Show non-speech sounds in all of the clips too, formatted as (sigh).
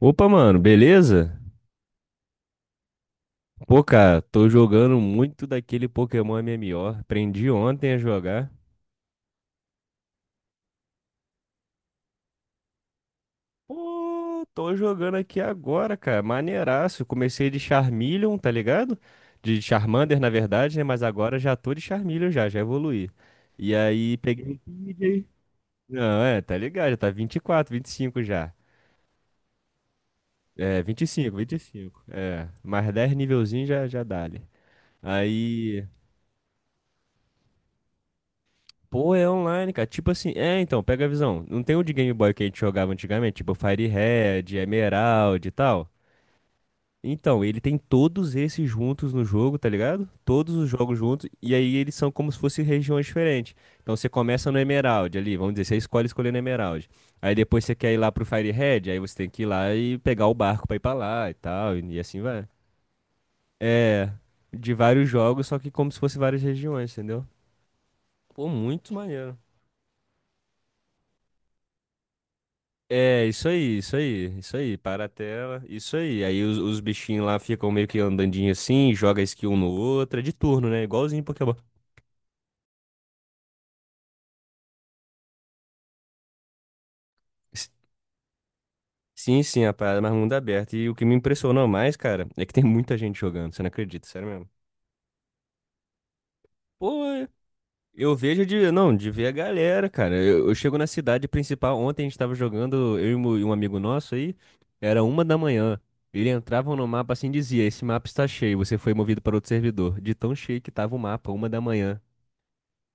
Opa, mano, beleza? Pô, cara, tô jogando muito daquele Pokémon MMO. Aprendi ontem a jogar. Pô, tô jogando aqui agora, cara. Maneiraço. Comecei de Charmeleon, tá ligado? De Charmander, na verdade, né? Mas agora já tô de Charmeleon já, já evoluí. E aí, peguei Pidgey. Não, é, tá ligado, já tá vinte e quatro, 25 já. É, vinte e cinco, 25. É, mais 10 nivelzinho já, já dá ali. Aí. Pô, é online, cara. Tipo assim, é, então, pega a visão. Não tem o de Game Boy que a gente jogava antigamente, tipo Fire Red, Emerald e tal. Então, ele tem todos esses juntos no jogo, tá ligado? Todos os jogos juntos, e aí eles são como se fossem regiões diferentes. Então você começa no Emerald ali, vamos dizer, você escolher Emerald. Aí depois você quer ir lá pro Fire Red, aí você tem que ir lá e pegar o barco pra ir pra lá e tal, e assim vai. É, de vários jogos, só que como se fosse várias regiões, entendeu? Pô, muito maneiro. É, isso aí, isso aí, isso aí, para a tela, isso aí. Aí os bichinhos lá ficam meio que andandinho assim, joga skill um no outro, é de turno, né? Igualzinho Pokémon. S- Sim, sim, a parada é mais mundo aberto. E o que me impressionou mais, cara, é que tem muita gente jogando, você não acredita, sério mesmo. Pô, eu vejo de, não, de ver a galera, cara. Eu chego na cidade principal, ontem a gente tava jogando, eu e e um amigo nosso aí, era 1 da manhã. Ele entrava no mapa assim e dizia: Esse mapa está cheio, você foi movido para outro servidor. De tão cheio que tava o mapa, 1 da manhã.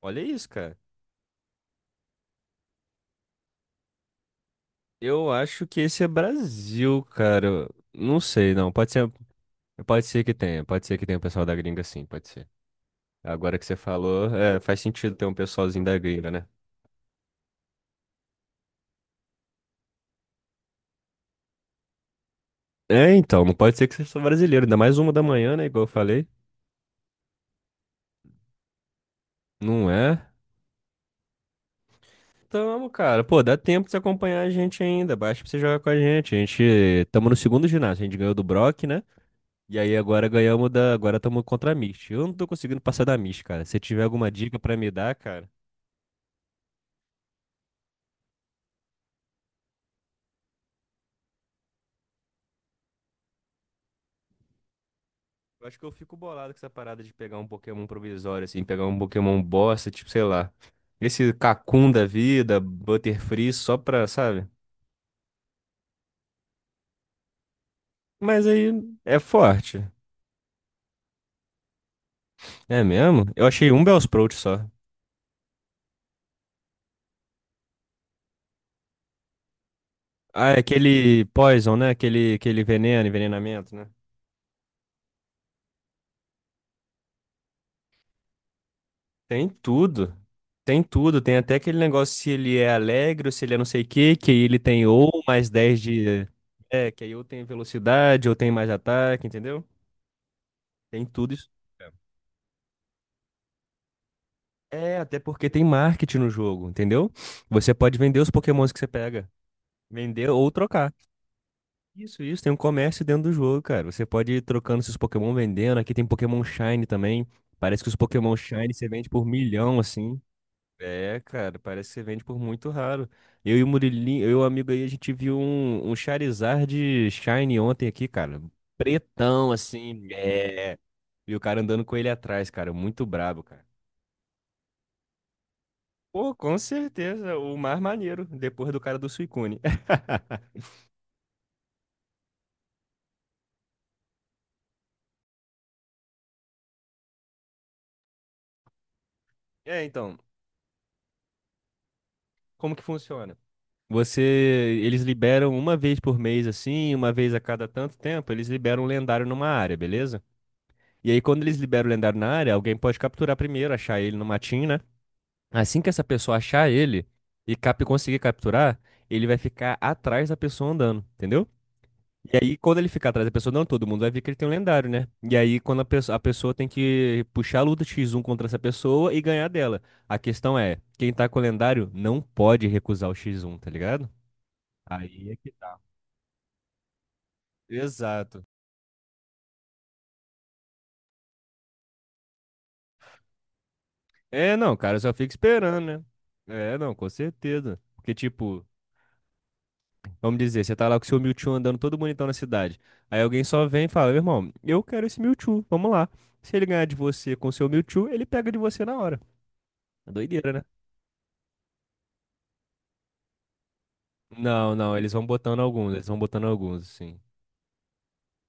Olha isso, cara. Eu acho que esse é Brasil, cara. Não sei, não. Pode ser que tenha. Pode ser que tenha um pessoal da gringa, sim, pode ser. Agora que você falou, é, faz sentido ter um pessoalzinho da gringa, né? É, então, não pode ser que seja só brasileiro. Ainda mais 1 da manhã, né? Igual eu falei. Não é? Tamo, cara. Pô, dá tempo de você acompanhar a gente ainda. Baixa pra você jogar com a gente. A gente tamo no segundo ginásio. A gente ganhou do Brock, né? E aí agora ganhamos da. Agora tamo contra a Mist. Eu não tô conseguindo passar da Mist, cara. Se tiver alguma dica pra me dar, cara. Eu acho que eu fico bolado com essa parada de pegar um Pokémon provisório, assim, pegar um Pokémon bosta, tipo, sei lá. Esse Kakun da vida, Butterfree, só pra, sabe? Mas aí é forte. É mesmo? Eu achei um Bellsprout só. Ah, é aquele Poison, né? Aquele veneno, envenenamento, né? Tem tudo. Tem tudo. Tem até aquele negócio se ele é alegre ou se ele é não sei o quê, que aí ele tem ou mais 10 de. É, que aí ou tem velocidade ou tem mais ataque, entendeu? Tem tudo isso. É, até porque tem marketing no jogo, entendeu? Você pode vender os Pokémons que você pega. Vender ou trocar. Isso, isso. Tem um comércio dentro do jogo, cara. Você pode ir trocando seus Pokémon, vendendo. Aqui tem Pokémon Shine também. Parece que os Pokémon Shine você vende por milhão, assim. É, cara, parece que você vende por muito raro. Eu e o Murilinho, eu e o amigo aí, a gente viu um Charizard Shine ontem aqui, cara. Pretão, assim. É. E o cara andando com ele atrás, cara. Muito brabo, cara. Pô, com certeza, o mais maneiro, depois do cara do Suicune. (laughs) É, então, como que funciona? Você, eles liberam uma vez por mês, assim, uma vez a cada tanto tempo, eles liberam um lendário numa área, beleza? E aí, quando eles liberam o lendário na área, alguém pode capturar primeiro, achar ele no matinho, né? Assim que essa pessoa achar ele e cap conseguir capturar, ele vai ficar atrás da pessoa andando, entendeu? E aí, quando ele ficar atrás da pessoa, não, todo mundo vai ver que ele tem um lendário, né? E aí, quando a pessoa tem que puxar a luta X1 contra essa pessoa e ganhar dela. A questão é, quem tá com o lendário não pode recusar o X1, tá ligado? Aí é que tá. Exato. É, não, cara, eu só fica esperando, né? É, não, com certeza. Porque, tipo, vamos dizer, você tá lá com o seu Mewtwo andando todo bonitão na cidade. Aí alguém só vem e fala, meu irmão, eu quero esse Mewtwo, vamos lá. Se ele ganhar de você com o seu Mewtwo, ele pega de você na hora. É doideira, né? Não, não, eles vão botando alguns, eles vão botando alguns, assim.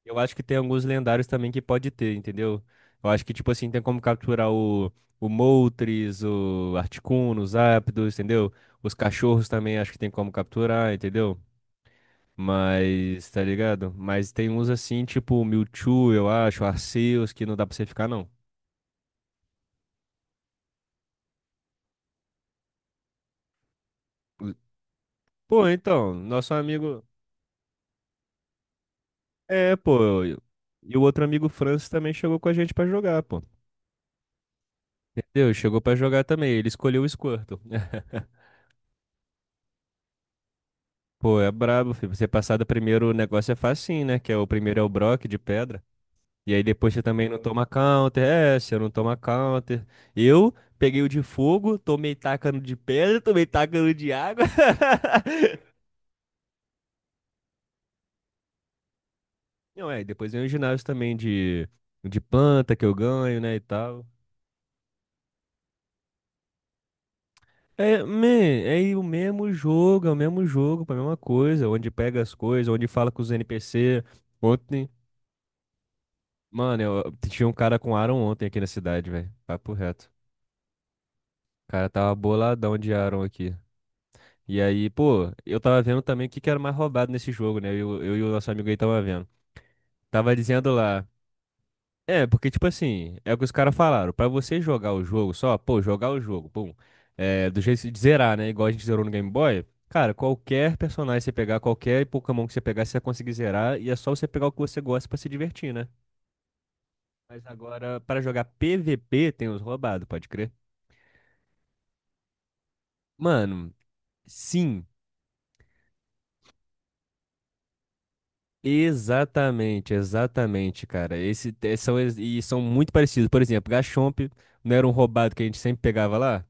Eu acho que tem alguns lendários também que pode ter, entendeu? Eu acho que, tipo assim, tem como capturar o Moltres, o Articuno, os Zapdos, entendeu? Os cachorros também acho que tem como capturar, entendeu? Mas, tá ligado? Mas tem uns assim, tipo o Mewtwo, eu acho, o Arceus, que não dá pra você ficar, não. Pô, então, nosso amigo. É, pô. E o outro amigo Francis também chegou com a gente pra jogar, pô. Entendeu? Chegou pra jogar também. Ele escolheu o Squirtle. (laughs) Pô, é brabo, filho. Você passar do primeiro negócio é facinho, né? Que é o primeiro é o Brock de pedra. E aí depois você também não toma counter. É, você não toma counter. Eu peguei o de fogo, tomei tacano de pedra, tomei tacano de água. (laughs) Não, é, e depois vem o ginásio também de planta que eu ganho, né, e tal. É, man, é o mesmo jogo, é o mesmo jogo, a mesma coisa, onde pega as coisas, onde fala com os NPC. Ontem Mano, eu tinha um cara com Aaron ontem aqui na cidade, velho. Papo reto. O cara tava boladão de Aaron aqui. E aí, pô, eu tava vendo também o que que era mais roubado nesse jogo, né? Eu e o nosso amigo aí tava vendo. Tava dizendo lá. É, porque, tipo assim, é o que os caras falaram. Pra você jogar o jogo só, pô, jogar o jogo, pum. É, do jeito de zerar, né? Igual a gente zerou no Game Boy. Cara, qualquer personagem que você pegar, qualquer Pokémon que você pegar, você vai conseguir zerar. E é só você pegar o que você gosta pra se divertir, né? Mas agora, pra jogar PVP, tem os roubados, pode crer. Mano, sim, exatamente, exatamente, cara. Esse, te- são, ex- e são muito parecidos. Por exemplo, Gachomp não era um roubado que a gente sempre pegava lá?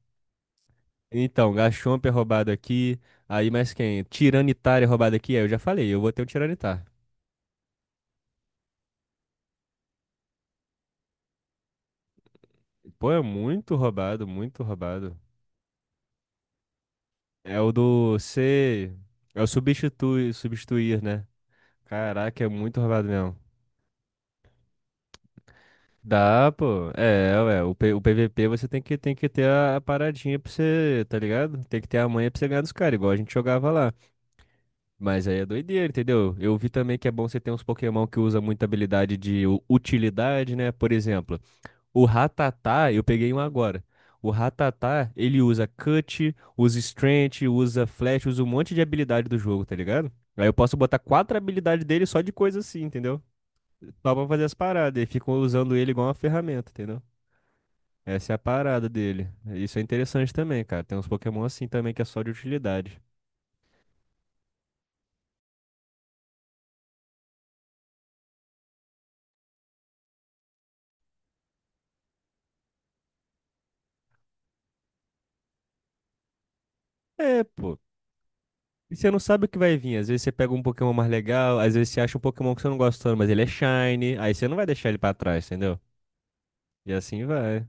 Então, Gachomp é roubado aqui, aí mais quem? Tiranitar é roubado aqui? É, eu já falei, eu vou ter um Tiranitar. Pô, é muito roubado, muito roubado. É o do C. É o substituir, substituir, né? Caraca, é muito roubado mesmo. Dá, pô. É, ué, o PVP você tem que ter a paradinha pra você, tá ligado? Tem que ter a manha pra você ganhar dos caras, igual a gente jogava lá. Mas aí é doideira, entendeu? Eu vi também que é bom você ter uns Pokémon que usa muita habilidade de utilidade, né? Por exemplo, o Rattata, eu peguei um agora. O Rattata, ele usa Cut, usa Strength, usa Flash, usa um monte de habilidade do jogo, tá ligado? Aí eu posso botar quatro habilidades dele só de coisa assim, entendeu? Só pra fazer as paradas. E ficam usando ele igual uma ferramenta, entendeu? Essa é a parada dele. Isso é interessante também, cara. Tem uns Pokémon assim também que é só de utilidade. É, pô. E você não sabe o que vai vir. Às vezes você pega um Pokémon mais legal, às vezes você acha um Pokémon que você não gosta tanto, mas ele é shiny. Aí você não vai deixar ele pra trás, entendeu? E assim vai.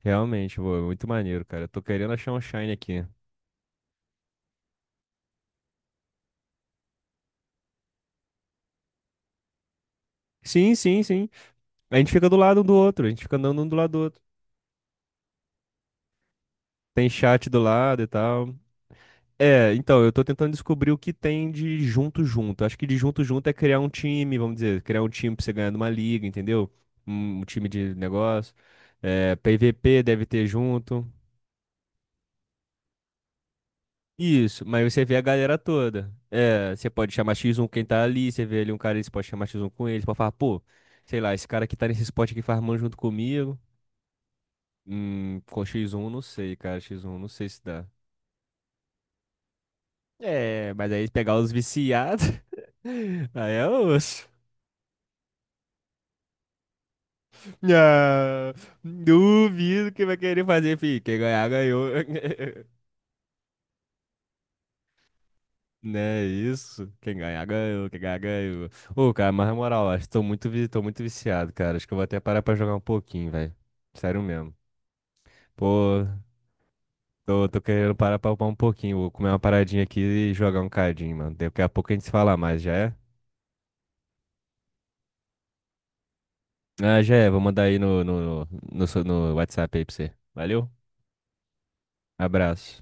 Realmente, pô, é muito maneiro, cara. Eu tô querendo achar um shiny aqui. Sim, sim, sim. A gente fica do lado um do outro, a gente fica andando um do lado do outro. Tem chat do lado e tal. É, então, eu tô tentando descobrir o que tem de junto junto. Acho que de junto junto é criar um time, vamos dizer, criar um time pra você ganhar numa liga, entendeu? Um time de negócio. É, PVP deve ter junto. Isso, mas você vê a galera toda. É, você pode chamar X1 quem tá ali, você vê ali um cara, você pode chamar X1 com ele, você pode falar, pô, sei lá, esse cara que tá nesse spot aqui farmando junto comigo. Com X1 não sei, cara, X1 não sei se dá. É, mas aí pegar os viciados, (laughs) aí é osso. Ah, duvido que vai querer fazer, filho. Quem ganhar, ganhou. (laughs) Né isso? Quem ganhar, ganhou. Quem ganhar, ganhou. Ô, cara, mas na moral, acho que tô muito viciado, cara. Acho que eu vou até parar pra jogar um pouquinho, velho. Sério mesmo. Pô, tô querendo parar pra upar um pouquinho. Vou comer uma paradinha aqui e jogar um cadinho, mano. Daqui a pouco a gente se fala mais, já é? Ah, já é. Vou mandar aí no WhatsApp aí pra você. Valeu? Abraço.